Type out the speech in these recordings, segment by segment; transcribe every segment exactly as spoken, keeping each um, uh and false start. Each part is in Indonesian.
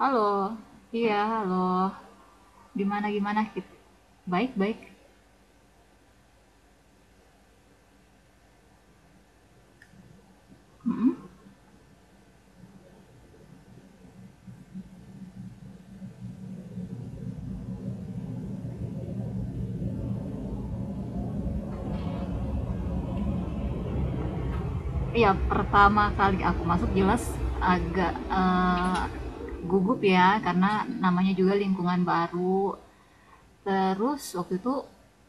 Halo. Iya, halo. Gimana gimana? Kit? Baik, baik. Iya, pertama kali aku masuk jelas agak eh, gugup ya, karena namanya juga lingkungan baru. Terus waktu itu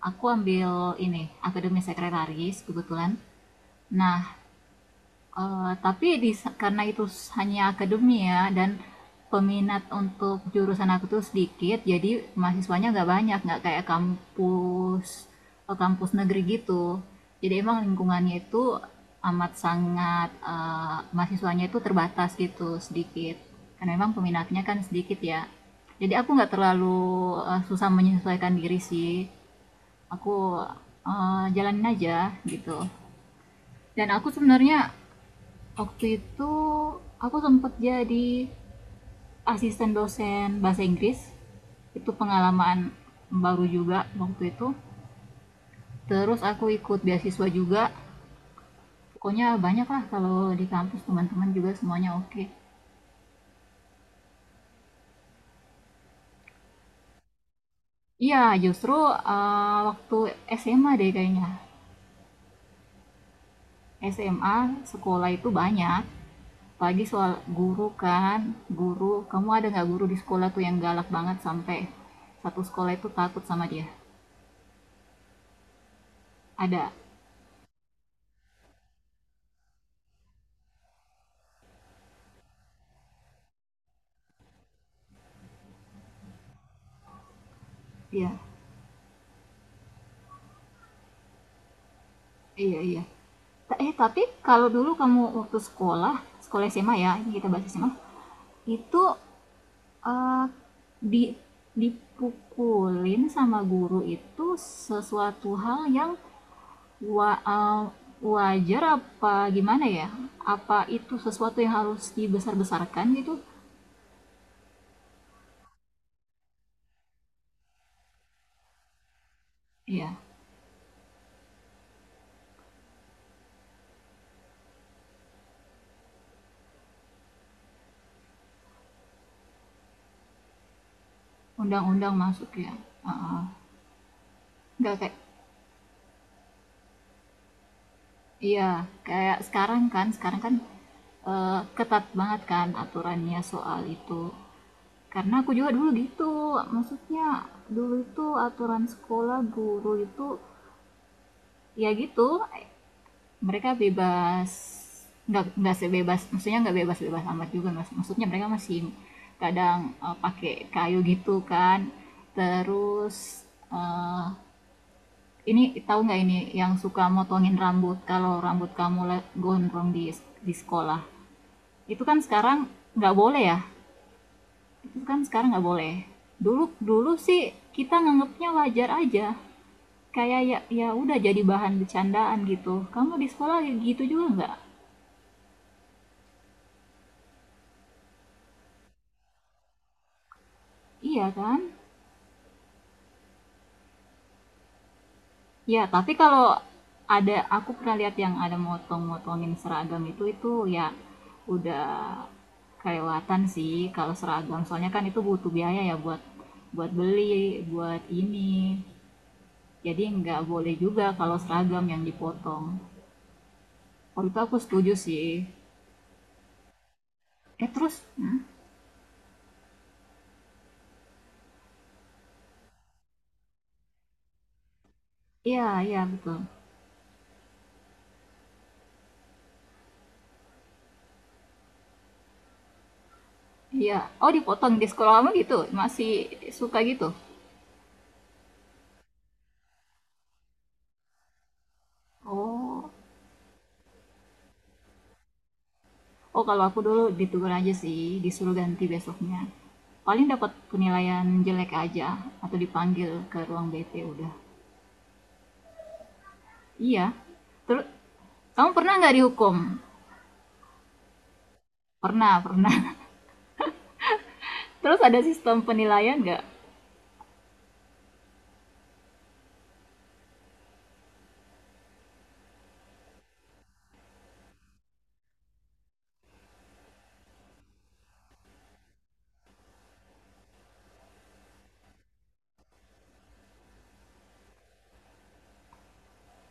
aku ambil ini, akademi sekretaris kebetulan. Nah, Eee, tapi dis karena itu hanya akademi ya, dan peminat untuk jurusan aku tuh sedikit, jadi mahasiswanya nggak banyak, nggak kayak kampus eh, kampus negeri gitu. Jadi emang lingkungannya itu amat sangat, eee, mahasiswanya itu terbatas gitu, sedikit. Karena memang peminatnya kan sedikit ya. Jadi aku nggak terlalu, eee, susah menyesuaikan diri sih. Aku, eee, jalanin aja gitu. Dan aku sebenarnya, waktu itu aku sempat jadi asisten dosen bahasa Inggris. Itu pengalaman baru juga waktu itu. Terus aku ikut beasiswa juga. Pokoknya banyak lah, kalau di kampus teman-teman juga semuanya oke. Okay. Iya, justru eh, waktu S M A deh kayaknya. S M A sekolah itu banyak. Pagi soal guru kan, guru. Kamu ada nggak guru di sekolah tuh yang galak banget sampai satu sekolah itu takut sama dia? Ada. Iya. Iya iya. Ta eh, tapi kalau dulu kamu waktu sekolah, sekolah S M A ya, ini kita bahas S M A, itu eh, di dipukulin sama guru itu sesuatu hal yang wa- eh, wajar apa gimana ya? Apa itu sesuatu yang harus dibesar-besarkan gitu? Iya, undang-undang masuk ya. Heeh. Nggak kayak, iya, kayak sekarang kan, sekarang kan eh, ketat banget kan aturannya soal itu. Karena aku juga dulu gitu, maksudnya dulu itu aturan sekolah guru itu ya gitu, eh, mereka bebas, nggak nggak sebebas, maksudnya nggak bebas bebas amat juga mas, maksudnya mereka masih kadang eh, pakai kayu gitu kan. Terus eh, ini tahu nggak, ini yang suka motongin rambut kalau rambut kamu le- gondrong di di sekolah, itu kan sekarang nggak boleh ya, kan sekarang nggak boleh. Dulu dulu sih kita nganggapnya wajar aja, kayak ya ya udah, jadi bahan bercandaan gitu, kamu di sekolah gitu juga nggak. Iya kan. Ya tapi kalau ada, aku pernah lihat yang ada motong-motongin seragam, itu itu ya udah kelewatan sih kalau seragam, soalnya kan itu butuh biaya ya buat buat beli buat ini, jadi nggak boleh juga kalau seragam yang dipotong. Waktu itu aku setuju sih. Eh, terus. Iya iya, betul. Iya. Oh, dipotong di sekolah kamu gitu? Masih suka gitu? Oh. Oh, kalau aku dulu ditegur aja sih, disuruh ganti besoknya. Paling dapat penilaian jelek aja, atau dipanggil ke ruang B P udah. Iya. Terus kamu pernah nggak dihukum? Pernah, pernah. Terus ada sistem penilaian nggak?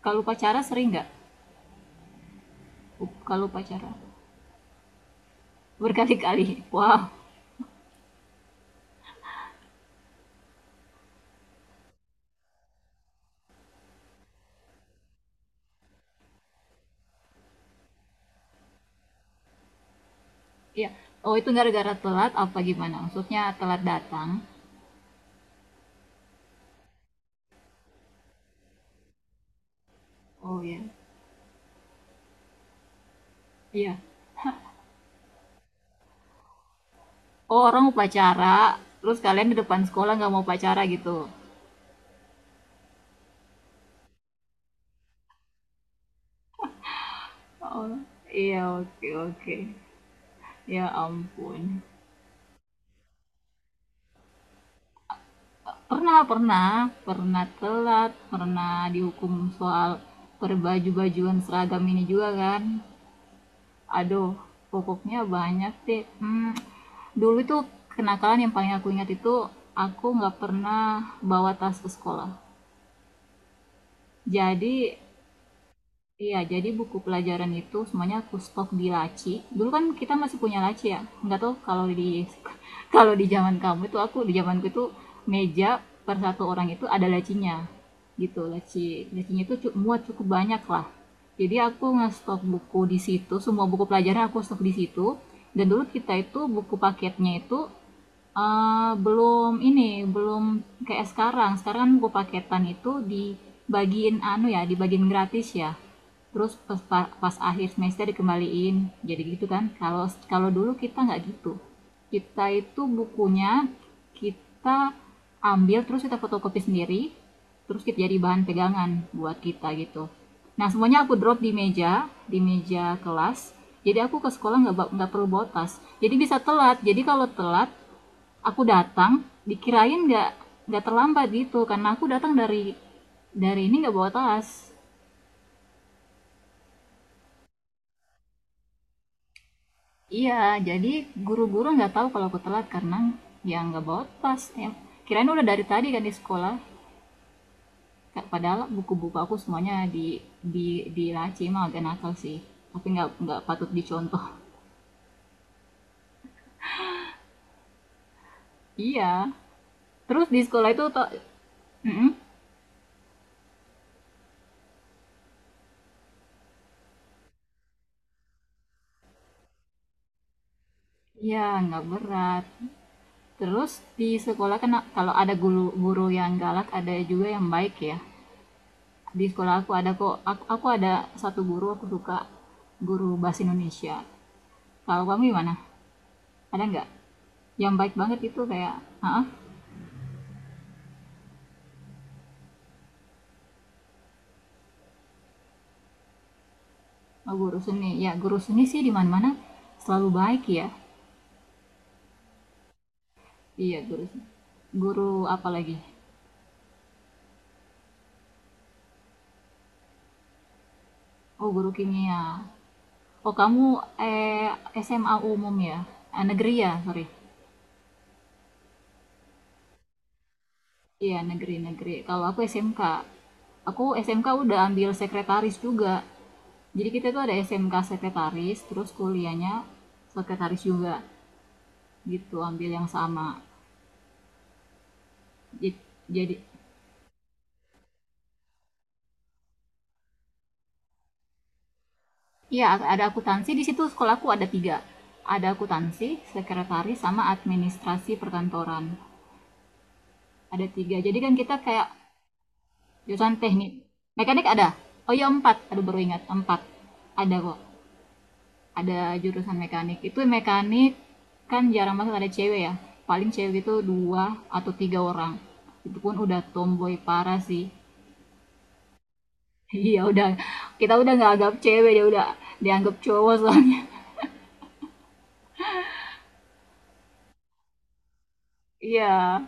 Kalau pacara sering nggak? Uh, Kalau pacara berkali-kali. Wow. Iya. Oh, itu gara-gara telat apa gimana? Maksudnya telat datang. Oh iya. Iya. Oh, orang mau upacara, terus kalian di depan sekolah nggak mau pacara gitu? Oh, iya, oke oke. Ya ampun. Pernah pernah, pernah telat, pernah dihukum soal berbaju-bajuan seragam ini juga kan? Aduh, pokoknya banyak deh. Hmm, dulu itu kenakalan yang paling aku ingat itu, aku nggak pernah bawa tas ke sekolah. Jadi, iya, jadi buku pelajaran itu semuanya aku stok di laci. Dulu kan kita masih punya laci ya. Enggak tahu kalau di kalau di zaman kamu, itu aku di zamanku itu meja per satu orang itu ada lacinya. Gitu, laci. Lacinya itu cu- muat cukup banyak lah. Jadi aku ngestok buku di situ, semua buku pelajaran aku stok di situ. Dan dulu kita itu buku paketnya itu eh, belum ini, belum kayak sekarang. Sekarang kan buku paketan itu dibagiin anu ya, dibagiin gratis ya, terus pas, pas akhir semester dikembaliin, jadi gitu kan. Kalau kalau dulu kita nggak gitu, kita itu bukunya kita ambil, terus kita fotokopi sendiri, terus kita jadi bahan pegangan buat kita gitu. Nah semuanya aku drop di meja, di meja kelas. Jadi aku ke sekolah nggak nggak perlu bawa tas, jadi bisa telat. Jadi kalau telat aku datang dikirain nggak nggak terlambat gitu, karena aku datang dari dari ini nggak bawa tas. Iya, jadi guru-guru nggak tahu kalau aku telat, karena ya nggak bawa tas. Ya, kirain udah dari tadi kan di sekolah. Padahal buku-buku aku semuanya di di di laci. Emang agak nakal sih. Tapi nggak nggak patut dicontoh. Iya. Terus di sekolah itu to. Mm-mm. Iya, nggak berat. Terus di sekolah kan, a- kalau ada guru, guru yang galak ada juga yang baik ya. Di sekolah aku ada kok. Aku, aku ada satu guru aku suka, guru bahasa Indonesia. Kalau kamu gimana? Ada nggak yang baik banget itu kayak, ah ah, oh, guru seni ya, guru seni sih di mana mana selalu baik ya. Iya guru, guru apa lagi, oh guru kimia. Oh kamu eh S M A umum ya, Eh, negeri ya, sorry. Iya negeri negeri, kalau aku S M K. Aku S M K udah ambil sekretaris juga, jadi kita tuh ada S M K sekretaris, terus kuliahnya sekretaris juga gitu, ambil yang sama. Jadi, iya, ada akuntansi di situ, sekolahku ada tiga. Ada akuntansi, sekretaris, sama administrasi perkantoran. Ada tiga. Jadi kan kita kayak jurusan teknik. Mekanik ada? Oh iya, empat. Aduh baru ingat empat. Ada kok. Ada jurusan mekanik. Itu mekanik kan jarang banget ada cewek ya. Paling cewek itu dua atau tiga orang. Itu pun udah tomboy parah sih. Iya udah, kita udah nggak anggap cewek, dia udah dianggap cowok soalnya. Iya.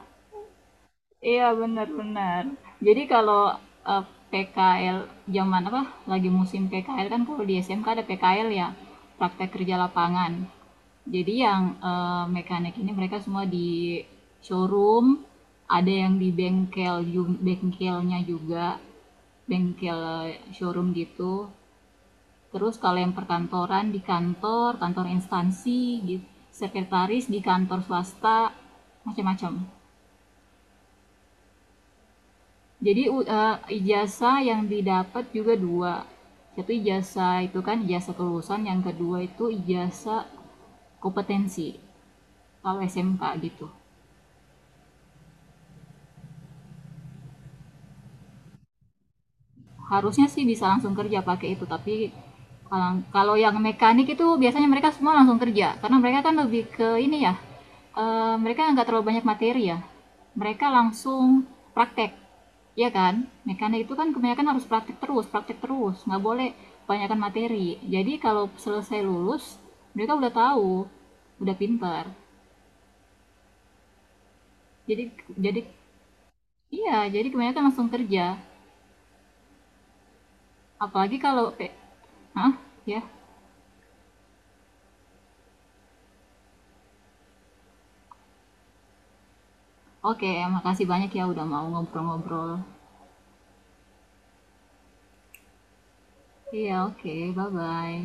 Iya, benar benar. Jadi kalau, eee, P K L zaman apa, lagi musim PKL kan, kalau di S M K ada P K L ya, praktek kerja lapangan. Jadi yang, eee, mekanik ini mereka semua di showroom, ada yang di bengkel jug bengkelnya juga, bengkel eh, showroom gitu. Terus kalau yang perkantoran di kantor, kantor instansi, git sekretaris di kantor swasta, macam-macam. Jadi, u e, ijazah yang didapat juga dua. Satu ijazah itu kan ijazah kelulusan, yang kedua itu ijazah kompetensi, kalau S M K gitu. Harusnya sih bisa langsung kerja pakai itu, tapi kalau kalau yang mekanik itu biasanya mereka semua langsung kerja, karena mereka kan lebih ke ini ya, eh, mereka nggak terlalu banyak materi ya, mereka langsung praktek, ya kan. Mekanik itu kan kebanyakan harus praktek terus praktek, terus nggak boleh kebanyakan materi, jadi kalau selesai lulus mereka udah tahu, udah pintar. Jadi jadi iya jadi kebanyakan langsung kerja, apalagi kalau kayak. Hah? Ya. Oke, makasih banyak ya udah mau ngobrol-ngobrol. Iya, oke, bye-bye.